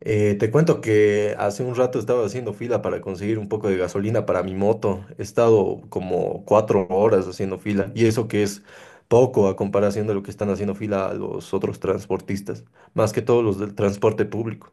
Te cuento que hace un rato estaba haciendo fila para conseguir un poco de gasolina para mi moto. He estado como 4 horas haciendo fila y eso que es poco a comparación de lo que están haciendo fila los otros transportistas, más que todos los del transporte público.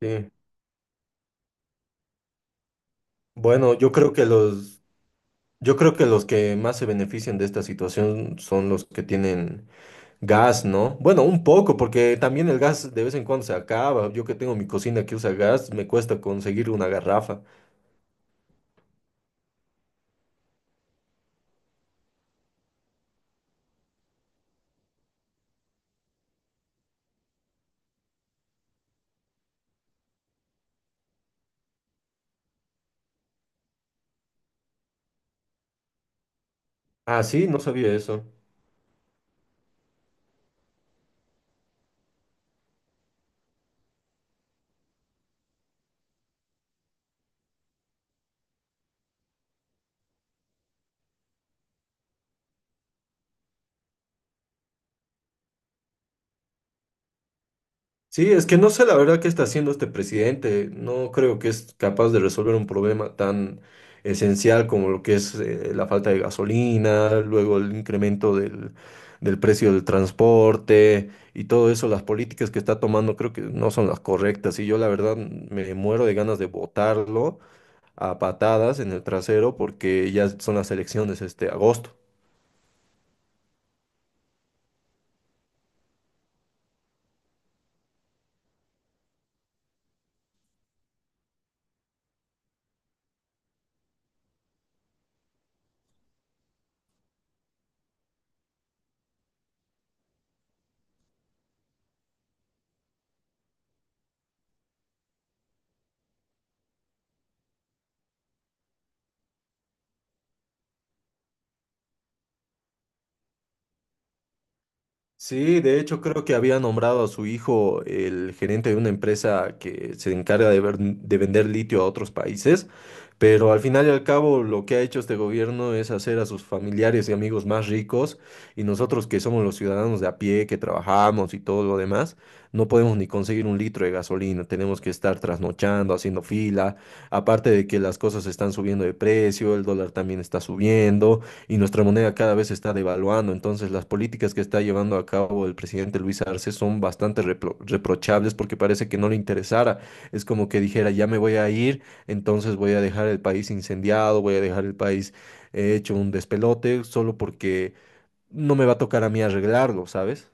Sí. Bueno, yo creo que los que más se benefician de esta situación son los que tienen gas, ¿no? Bueno, un poco, porque también el gas de vez en cuando se acaba. Yo que tengo mi cocina que usa gas, me cuesta conseguir una garrafa. Ah, sí, no sabía eso. Sí, es que no sé la verdad qué está haciendo este presidente. No creo que es capaz de resolver un problema tan esencial como lo que es la falta de gasolina, luego el incremento del precio del transporte y todo eso. Las políticas que está tomando creo que no son las correctas y yo la verdad me muero de ganas de votarlo a patadas en el trasero porque ya son las elecciones este agosto. Sí, de hecho creo que había nombrado a su hijo el gerente de una empresa que se encarga de, de vender litio a otros países, pero al final y al cabo lo que ha hecho este gobierno es hacer a sus familiares y amigos más ricos y nosotros que somos los ciudadanos de a pie, que trabajamos y todo lo demás, no podemos ni conseguir un litro de gasolina, tenemos que estar trasnochando, haciendo fila, aparte de que las cosas están subiendo de precio, el dólar también está subiendo y nuestra moneda cada vez se está devaluando. Entonces, las políticas que está llevando a cabo el presidente Luis Arce son bastante reprochables porque parece que no le interesara. Es como que dijera, ya me voy a ir, entonces voy a dejar el país incendiado, voy a dejar el país hecho un despelote solo porque no me va a tocar a mí arreglarlo, ¿sabes?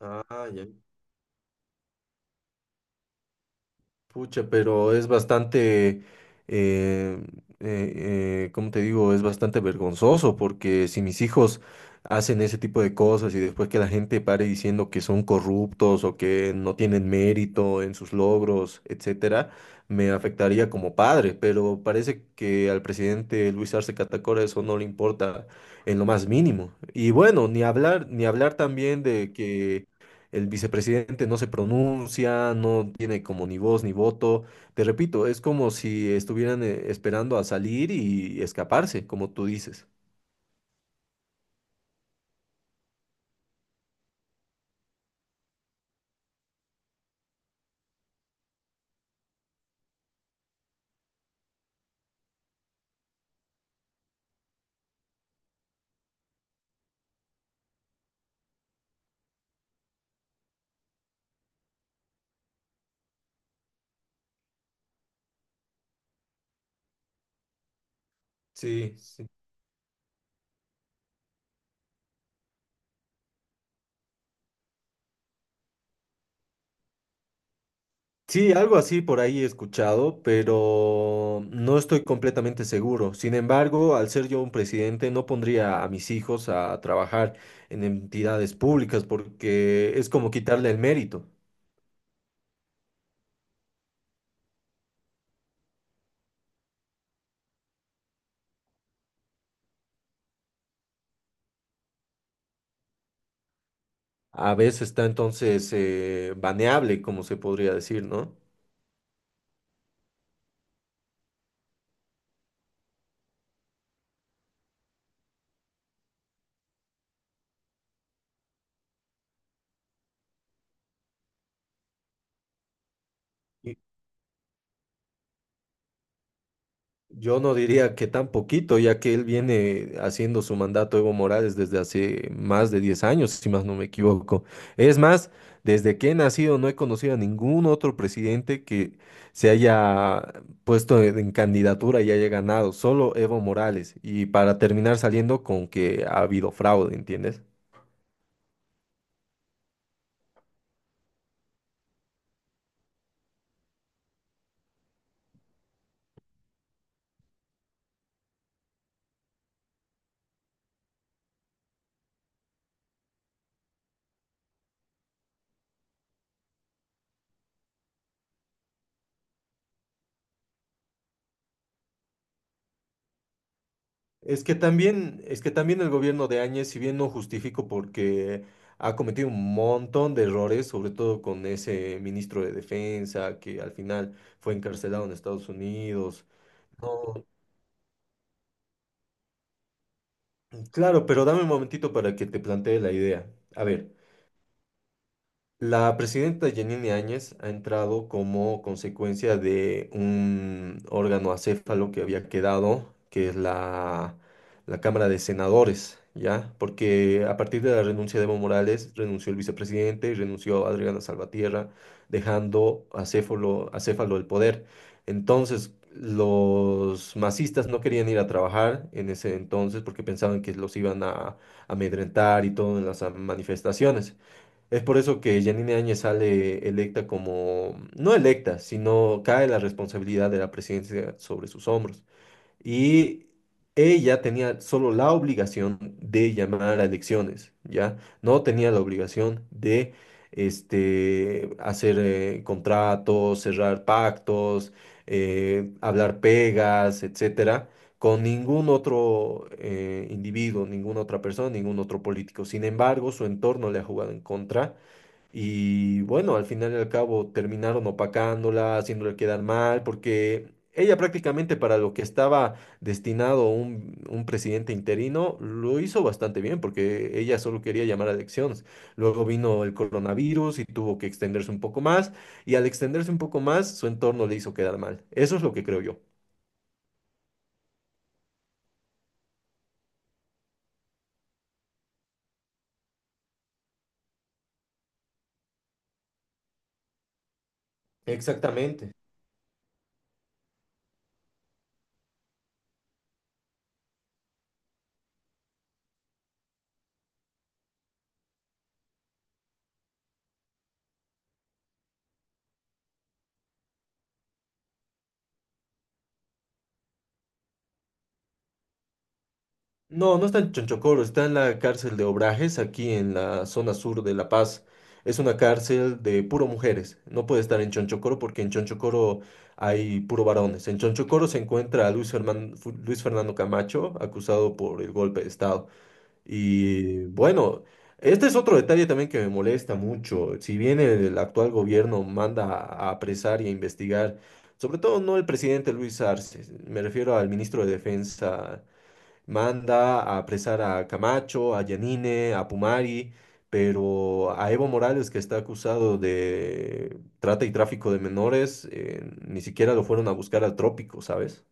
Ah, ya. Pucha, pero es bastante, eh, ¿cómo te digo? Es bastante vergonzoso porque si mis hijos hacen ese tipo de cosas y después que la gente pare diciendo que son corruptos o que no tienen mérito en sus logros, etcétera, me afectaría como padre, pero parece que al presidente Luis Arce Catacora eso no le importa en lo más mínimo. Y bueno, ni hablar también de que el vicepresidente no se pronuncia, no tiene como ni voz ni voto. Te repito, es como si estuvieran esperando a salir y escaparse, como tú dices. Sí, sí. Sí, algo así por ahí he escuchado, pero no estoy completamente seguro. Sin embargo, al ser yo un presidente, no pondría a mis hijos a trabajar en entidades públicas porque es como quitarle el mérito. A veces está entonces baneable, como se podría decir, ¿no? Y, yo no diría que tan poquito, ya que él viene haciendo su mandato Evo Morales desde hace más de 10 años, si más no me equivoco. Es más, desde que he nacido no he conocido a ningún otro presidente que se haya puesto en candidatura y haya ganado, solo Evo Morales. Y para terminar saliendo con que ha habido fraude, ¿entiendes? Es que también el gobierno de Áñez, si bien no justifico porque ha cometido un montón de errores, sobre todo con ese ministro de Defensa que al final fue encarcelado en Estados Unidos. No, claro, pero dame un momentito para que te plantee la idea. A ver, la presidenta Yanine Áñez ha entrado como consecuencia de un órgano acéfalo que había quedado, que es la Cámara de Senadores, ¿ya? Porque a partir de la renuncia de Evo Morales, renunció el vicepresidente y renunció Adriana Salvatierra, dejando acéfalo el poder. Entonces, los masistas no querían ir a trabajar en ese entonces porque pensaban que los iban a amedrentar y todo en las manifestaciones. Es por eso que Yanine Áñez sale electa como, no electa, sino cae la responsabilidad de la presidencia sobre sus hombros. Y ella tenía solo la obligación de llamar a elecciones, ¿ya? No tenía la obligación de hacer contratos, cerrar pactos, hablar pegas, etcétera, con ningún otro individuo, ninguna otra persona, ningún otro político. Sin embargo, su entorno le ha jugado en contra y bueno, al final y al cabo terminaron opacándola, haciéndole quedar mal, porque ella prácticamente para lo que estaba destinado un presidente interino, lo hizo bastante bien, porque ella solo quería llamar a elecciones. Luego vino el coronavirus y tuvo que extenderse un poco más, y al extenderse un poco más, su entorno le hizo quedar mal. Eso es lo que creo yo. Exactamente. No, no está en Chonchocoro, está en la cárcel de Obrajes, aquí en la zona sur de La Paz. Es una cárcel de puro mujeres. No puede estar en Chonchocoro porque en Chonchocoro hay puro varones. En Chonchocoro se encuentra a Luis Luis Fernando Camacho, acusado por el golpe de Estado. Y bueno, este es otro detalle también que me molesta mucho. Si bien el actual gobierno manda a apresar y a investigar, sobre todo no el presidente Luis Arce, me refiero al ministro de Defensa manda a apresar a Camacho, a Yanine, a Pumari, pero a Evo Morales, que está acusado de trata y tráfico de menores, ni siquiera lo fueron a buscar al trópico, ¿sabes?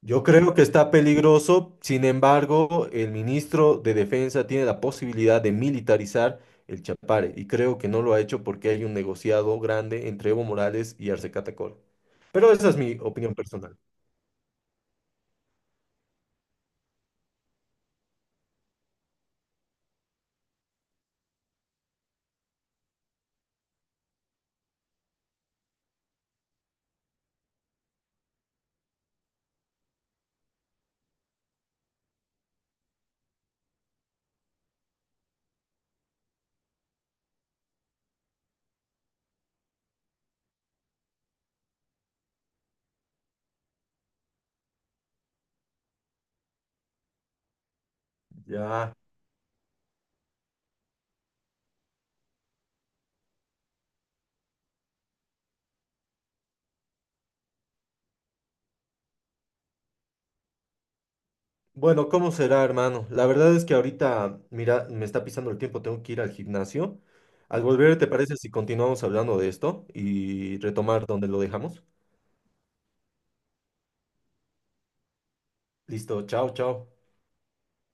Yo creo que está peligroso, sin embargo, el ministro de Defensa tiene la posibilidad de militarizar el Chapare y creo que no lo ha hecho porque hay un negociado grande entre Evo Morales y Arce Catacol. Pero esa es mi opinión personal. Ya. Bueno, ¿cómo será, hermano? La verdad es que ahorita, mira, me está pisando el tiempo, tengo que ir al gimnasio. Al volver, ¿te parece si continuamos hablando de esto y retomar donde lo dejamos? Listo, chao, chao.